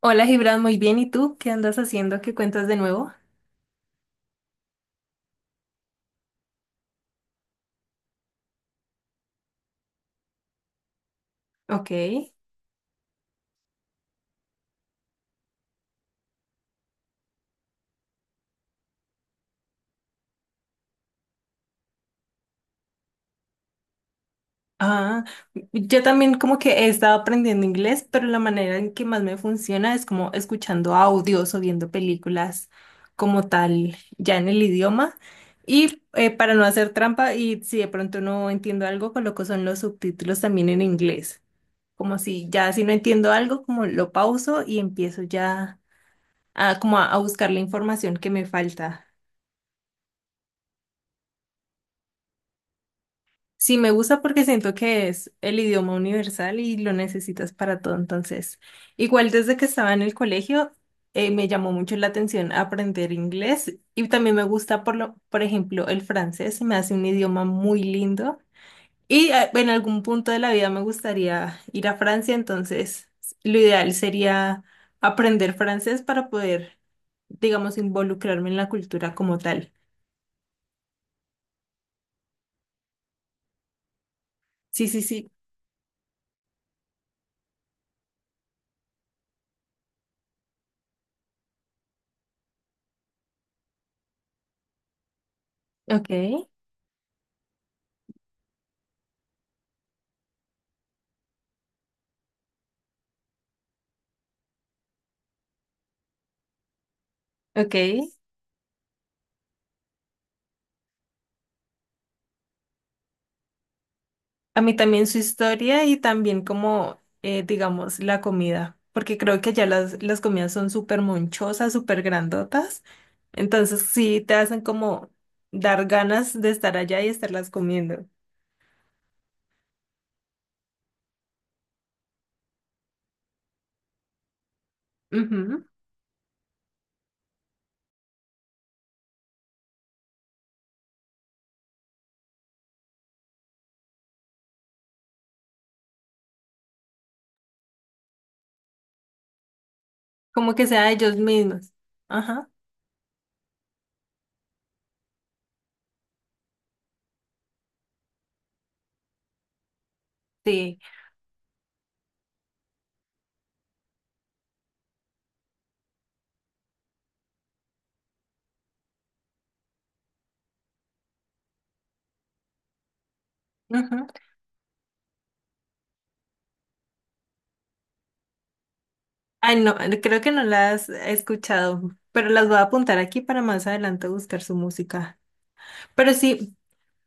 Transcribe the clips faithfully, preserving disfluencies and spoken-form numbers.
Hola Gibran, muy bien. ¿Y tú qué andas haciendo? ¿Qué cuentas de nuevo? Ok. Ah, yo también como que he estado aprendiendo inglés, pero la manera en que más me funciona es como escuchando audios o viendo películas como tal, ya en el idioma. Y eh, para no hacer trampa y si de pronto no entiendo algo, coloco son los subtítulos también en inglés. Como si ya si no entiendo algo, como lo pauso y empiezo ya a, como a a buscar la información que me falta. Sí, me gusta porque siento que es el idioma universal y lo necesitas para todo. Entonces, igual desde que estaba en el colegio, eh, me llamó mucho la atención aprender inglés y también me gusta, por lo, por ejemplo, el francés, se me hace un idioma muy lindo. Y eh, en algún punto de la vida me gustaría ir a Francia, entonces lo ideal sería aprender francés para poder, digamos, involucrarme en la cultura como tal. Sí, sí, sí. Ok, ok. A mí también su historia y también como, eh, digamos, la comida, porque creo que allá las, las comidas son súper monchosas, súper grandotas, entonces sí te hacen como dar ganas de estar allá y estarlas comiendo. Ujú. Como que sea ellos mismos. Ajá, sí. Ujú. Ay, no, creo que no las he escuchado, pero las voy a apuntar aquí para más adelante buscar su música. Pero sí,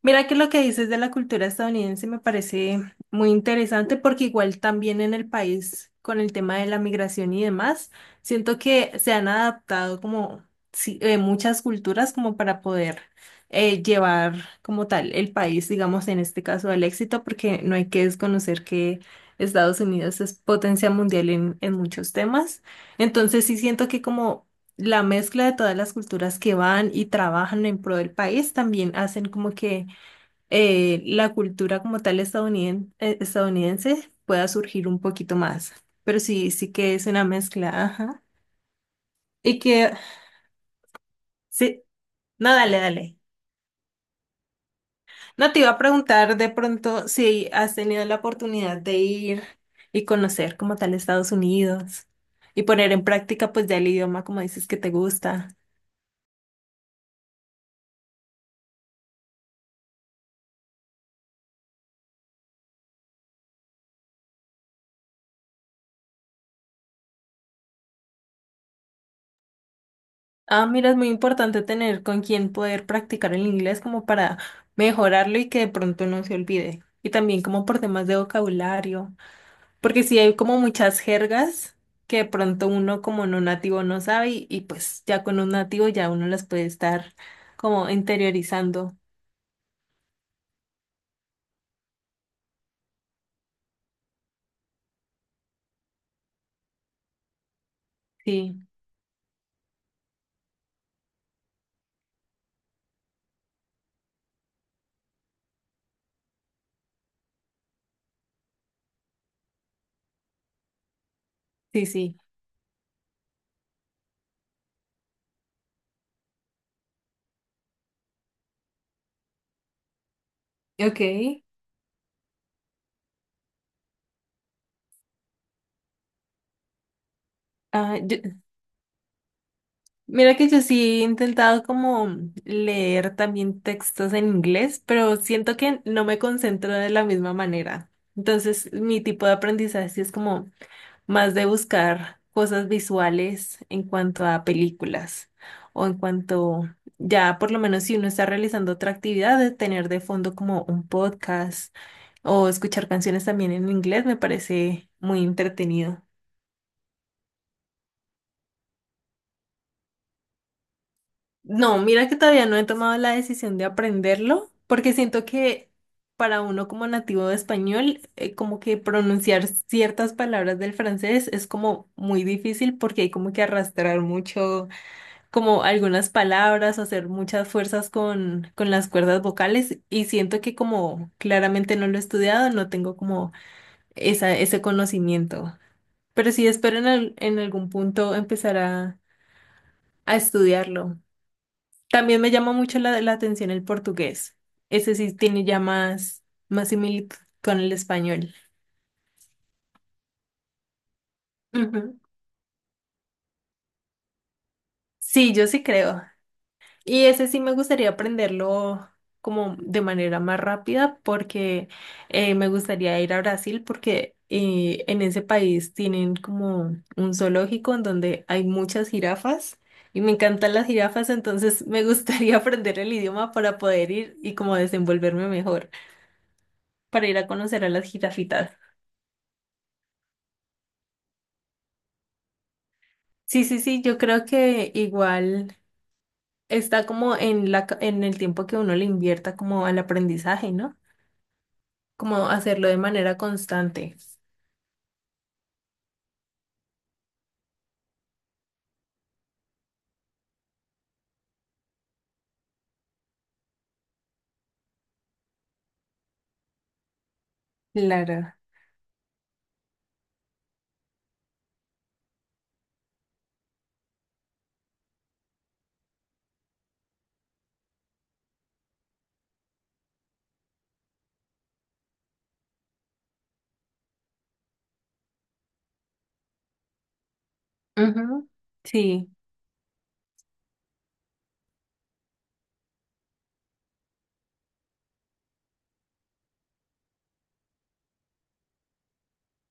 mira que lo que dices de la cultura estadounidense me parece muy interesante porque igual también en el país con el tema de la migración y demás, siento que se han adaptado como sí, eh, muchas culturas como para poder eh, llevar como tal el país, digamos en este caso al éxito, porque no hay que desconocer que Estados Unidos es potencia mundial en, en muchos temas. Entonces sí siento que como la mezcla de todas las culturas que van y trabajan en pro del país también hacen como que eh, la cultura como tal estadouniden- eh, estadounidense pueda surgir un poquito más. Pero sí, sí que es una mezcla, ajá. Y que, sí, no, dale, dale. No te iba a preguntar de pronto si has tenido la oportunidad de ir y conocer como tal Estados Unidos y poner en práctica pues ya el idioma como dices que te gusta. Ah, mira, es muy importante tener con quién poder practicar el inglés como para mejorarlo y que de pronto no se olvide. Y también como por temas de vocabulario. Porque sí hay como muchas jergas que de pronto uno como no nativo no sabe y, y pues ya con un nativo ya uno las puede estar como interiorizando. Sí, sí, sí. Ok. Ah, yo- mira que yo sí he intentado como leer también textos en inglés, pero siento que no me concentro de la misma manera. Entonces mi tipo de aprendizaje sí es como más de buscar cosas visuales en cuanto a películas o en cuanto ya por lo menos si uno está realizando otra actividad, de tener de fondo como un podcast o escuchar canciones también en inglés me parece muy entretenido. No, mira que todavía no he tomado la decisión de aprenderlo porque siento que para uno como nativo de español, eh, como que pronunciar ciertas palabras del francés es como muy difícil porque hay como que arrastrar mucho como algunas palabras, hacer muchas fuerzas con, con las cuerdas vocales y siento que como claramente no lo he estudiado, no tengo como esa, ese conocimiento. Pero sí espero en, al- en algún punto empezar a, a estudiarlo. También me llama mucho la, la atención el portugués. Ese sí tiene ya más, más similitud con el español. Ujú. Sí, yo sí creo. Y ese sí me gustaría aprenderlo como de manera más rápida porque eh, me gustaría ir a Brasil porque eh, en ese país tienen como un zoológico en donde hay muchas jirafas y me encantan las jirafas, entonces me gustaría aprender el idioma para poder ir y como desenvolverme mejor para ir a conocer a las jirafitas. Sí, sí, sí, yo creo que igual está como en la, ca- en el tiempo que uno le invierta como al aprendizaje, ¿no? Como hacerlo de manera constante. Claro. Ujú. Sí.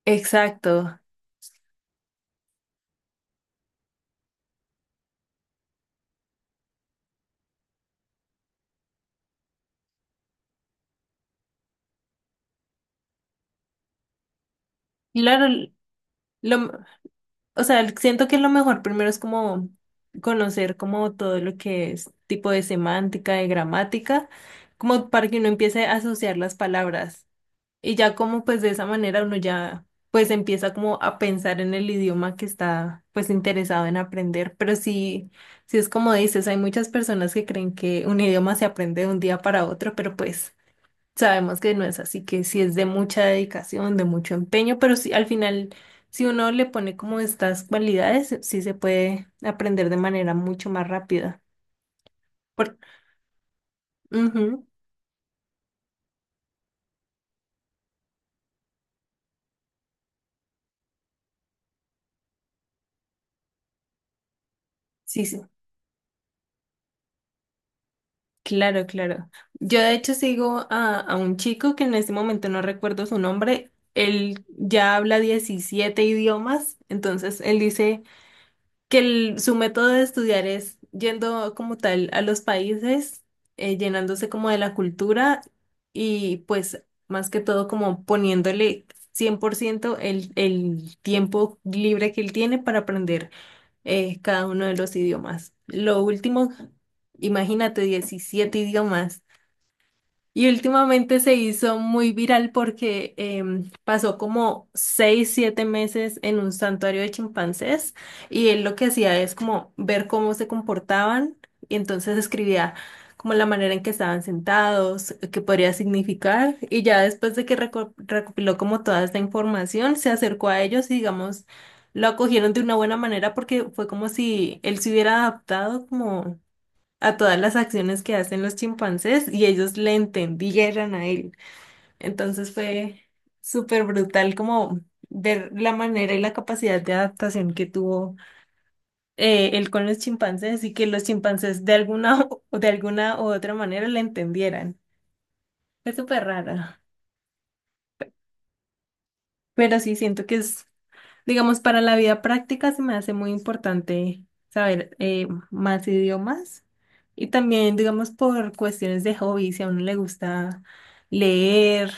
Exacto. Claro, l- lo, m- o sea, l- siento que lo mejor primero es como conocer como todo lo que es tipo de semántica, de gramática, como para que uno empiece a asociar las palabras. Y ya como pues de esa manera uno ya pues empieza como a pensar en el idioma que está pues interesado en aprender. Pero sí, sí es como dices, hay muchas personas que creen que un idioma se aprende de un día para otro, pero pues sabemos que no es así, que sí es de mucha dedicación, de mucho empeño, pero sí al final si uno le pone como estas cualidades, sí se puede aprender de manera mucho más rápida. Por... Ujú, sí, sí. Claro, claro. Yo de hecho sigo a, a un chico que en este momento no recuerdo su nombre. Él ya habla diecisiete idiomas, entonces él dice que el- su método de estudiar es yendo como tal a los países, eh, llenándose como de la cultura y pues más que todo como poniéndole cien por ciento el, el tiempo libre que él tiene para aprender es cada uno de los idiomas. Lo último, imagínate diecisiete idiomas. Y últimamente se hizo muy viral porque em, pasó como seis, siete meses en un santuario de chimpancés y él lo que hacía es como ver cómo se comportaban y entonces escribía como la manera en que estaban sentados, qué podría significar y ya después de que reco- recopiló como toda esta información, se acercó a ellos y digamos lo acogieron de una buena manera porque fue como si él se hubiera adaptado a todas las acciones que hacen los chimpancés y ellos le entendieran a él. Entonces fue súper brutal como ver la manera y la capacidad de adaptación que tuvo eh, él con los chimpancés y que los chimpancés de alguna o de alguna u otra manera le entendieran. Fue súper raro, pero sí siento que es digamos, para la vida práctica se me hace muy importante saber eh, más idiomas y también, digamos, por cuestiones de hobby, si a uno le gusta leer,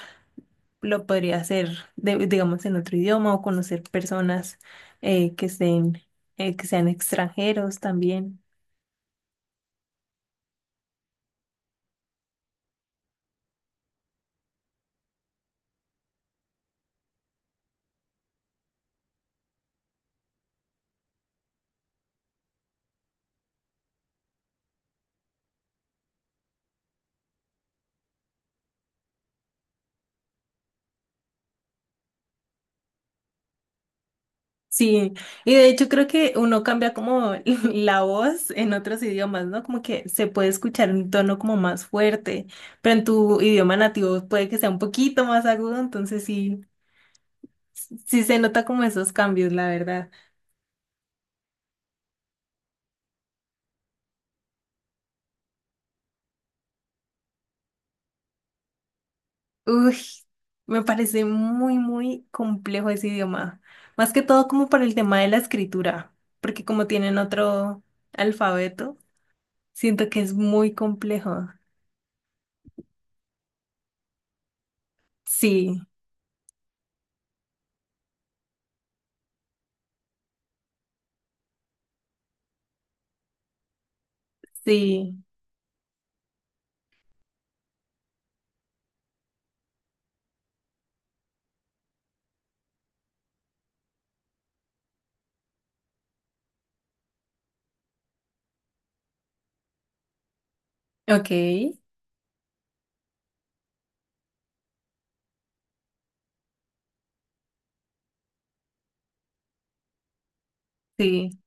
lo podría hacer, de- digamos, en otro idioma o conocer personas eh, que estén, eh, que sean extranjeros también. Sí, y de hecho creo que uno cambia como la voz en otros idiomas, ¿no? Como que se puede escuchar un tono como más fuerte, pero en tu idioma nativo puede que sea un poquito más agudo, entonces sí, sí se nota como esos cambios, la verdad. Uy, me parece muy, muy complejo ese idioma, más que todo como para el tema de la escritura, porque como tienen otro alfabeto, siento que es muy complejo. Sí, sí, ok, sí.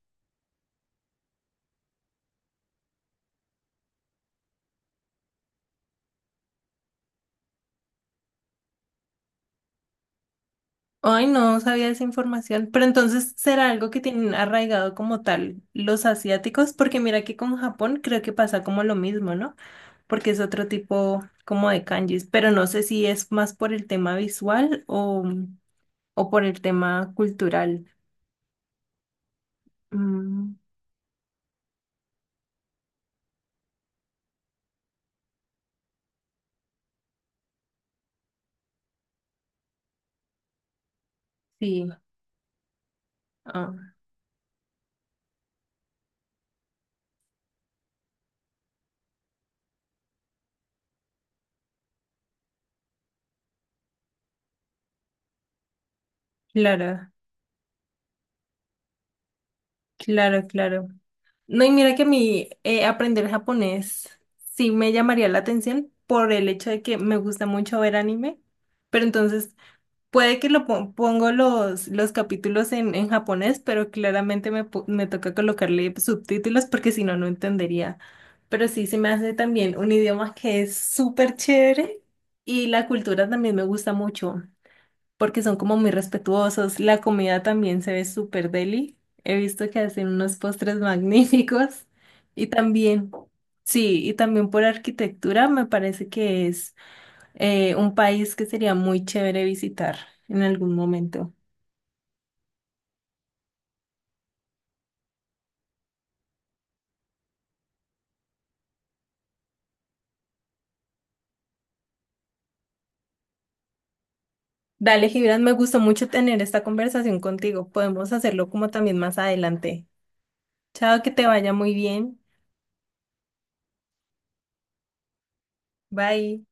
Ay, no sabía esa información. Pero entonces, ¿será algo que tienen arraigado como tal los asiáticos? Porque mira que con Japón creo que pasa como lo mismo, ¿no? Porque es otro tipo como de kanjis, pero no sé si es más por el tema visual o, o por el tema cultural. Mm, sí, ah, claro, claro, claro. No, y mira que a mí eh, aprender japonés sí me llamaría la atención por el hecho de que me gusta mucho ver anime. Pero entonces puede que lo pon- pongo los, los capítulos en, en japonés, pero claramente me, po- me toca colocarle subtítulos porque si no, no entendería. Pero sí, se me hace también un idioma que es súper chévere y la cultura también me gusta mucho porque son como muy respetuosos. La comida también se ve súper deli. He visto que hacen unos postres magníficos y también, sí, y también por arquitectura me parece que es. Eh, un país que sería muy chévere visitar en algún momento. Dale, Gibran, me gustó mucho tener esta conversación contigo. Podemos hacerlo como también más adelante. Chao, que te vaya muy bien. Bye.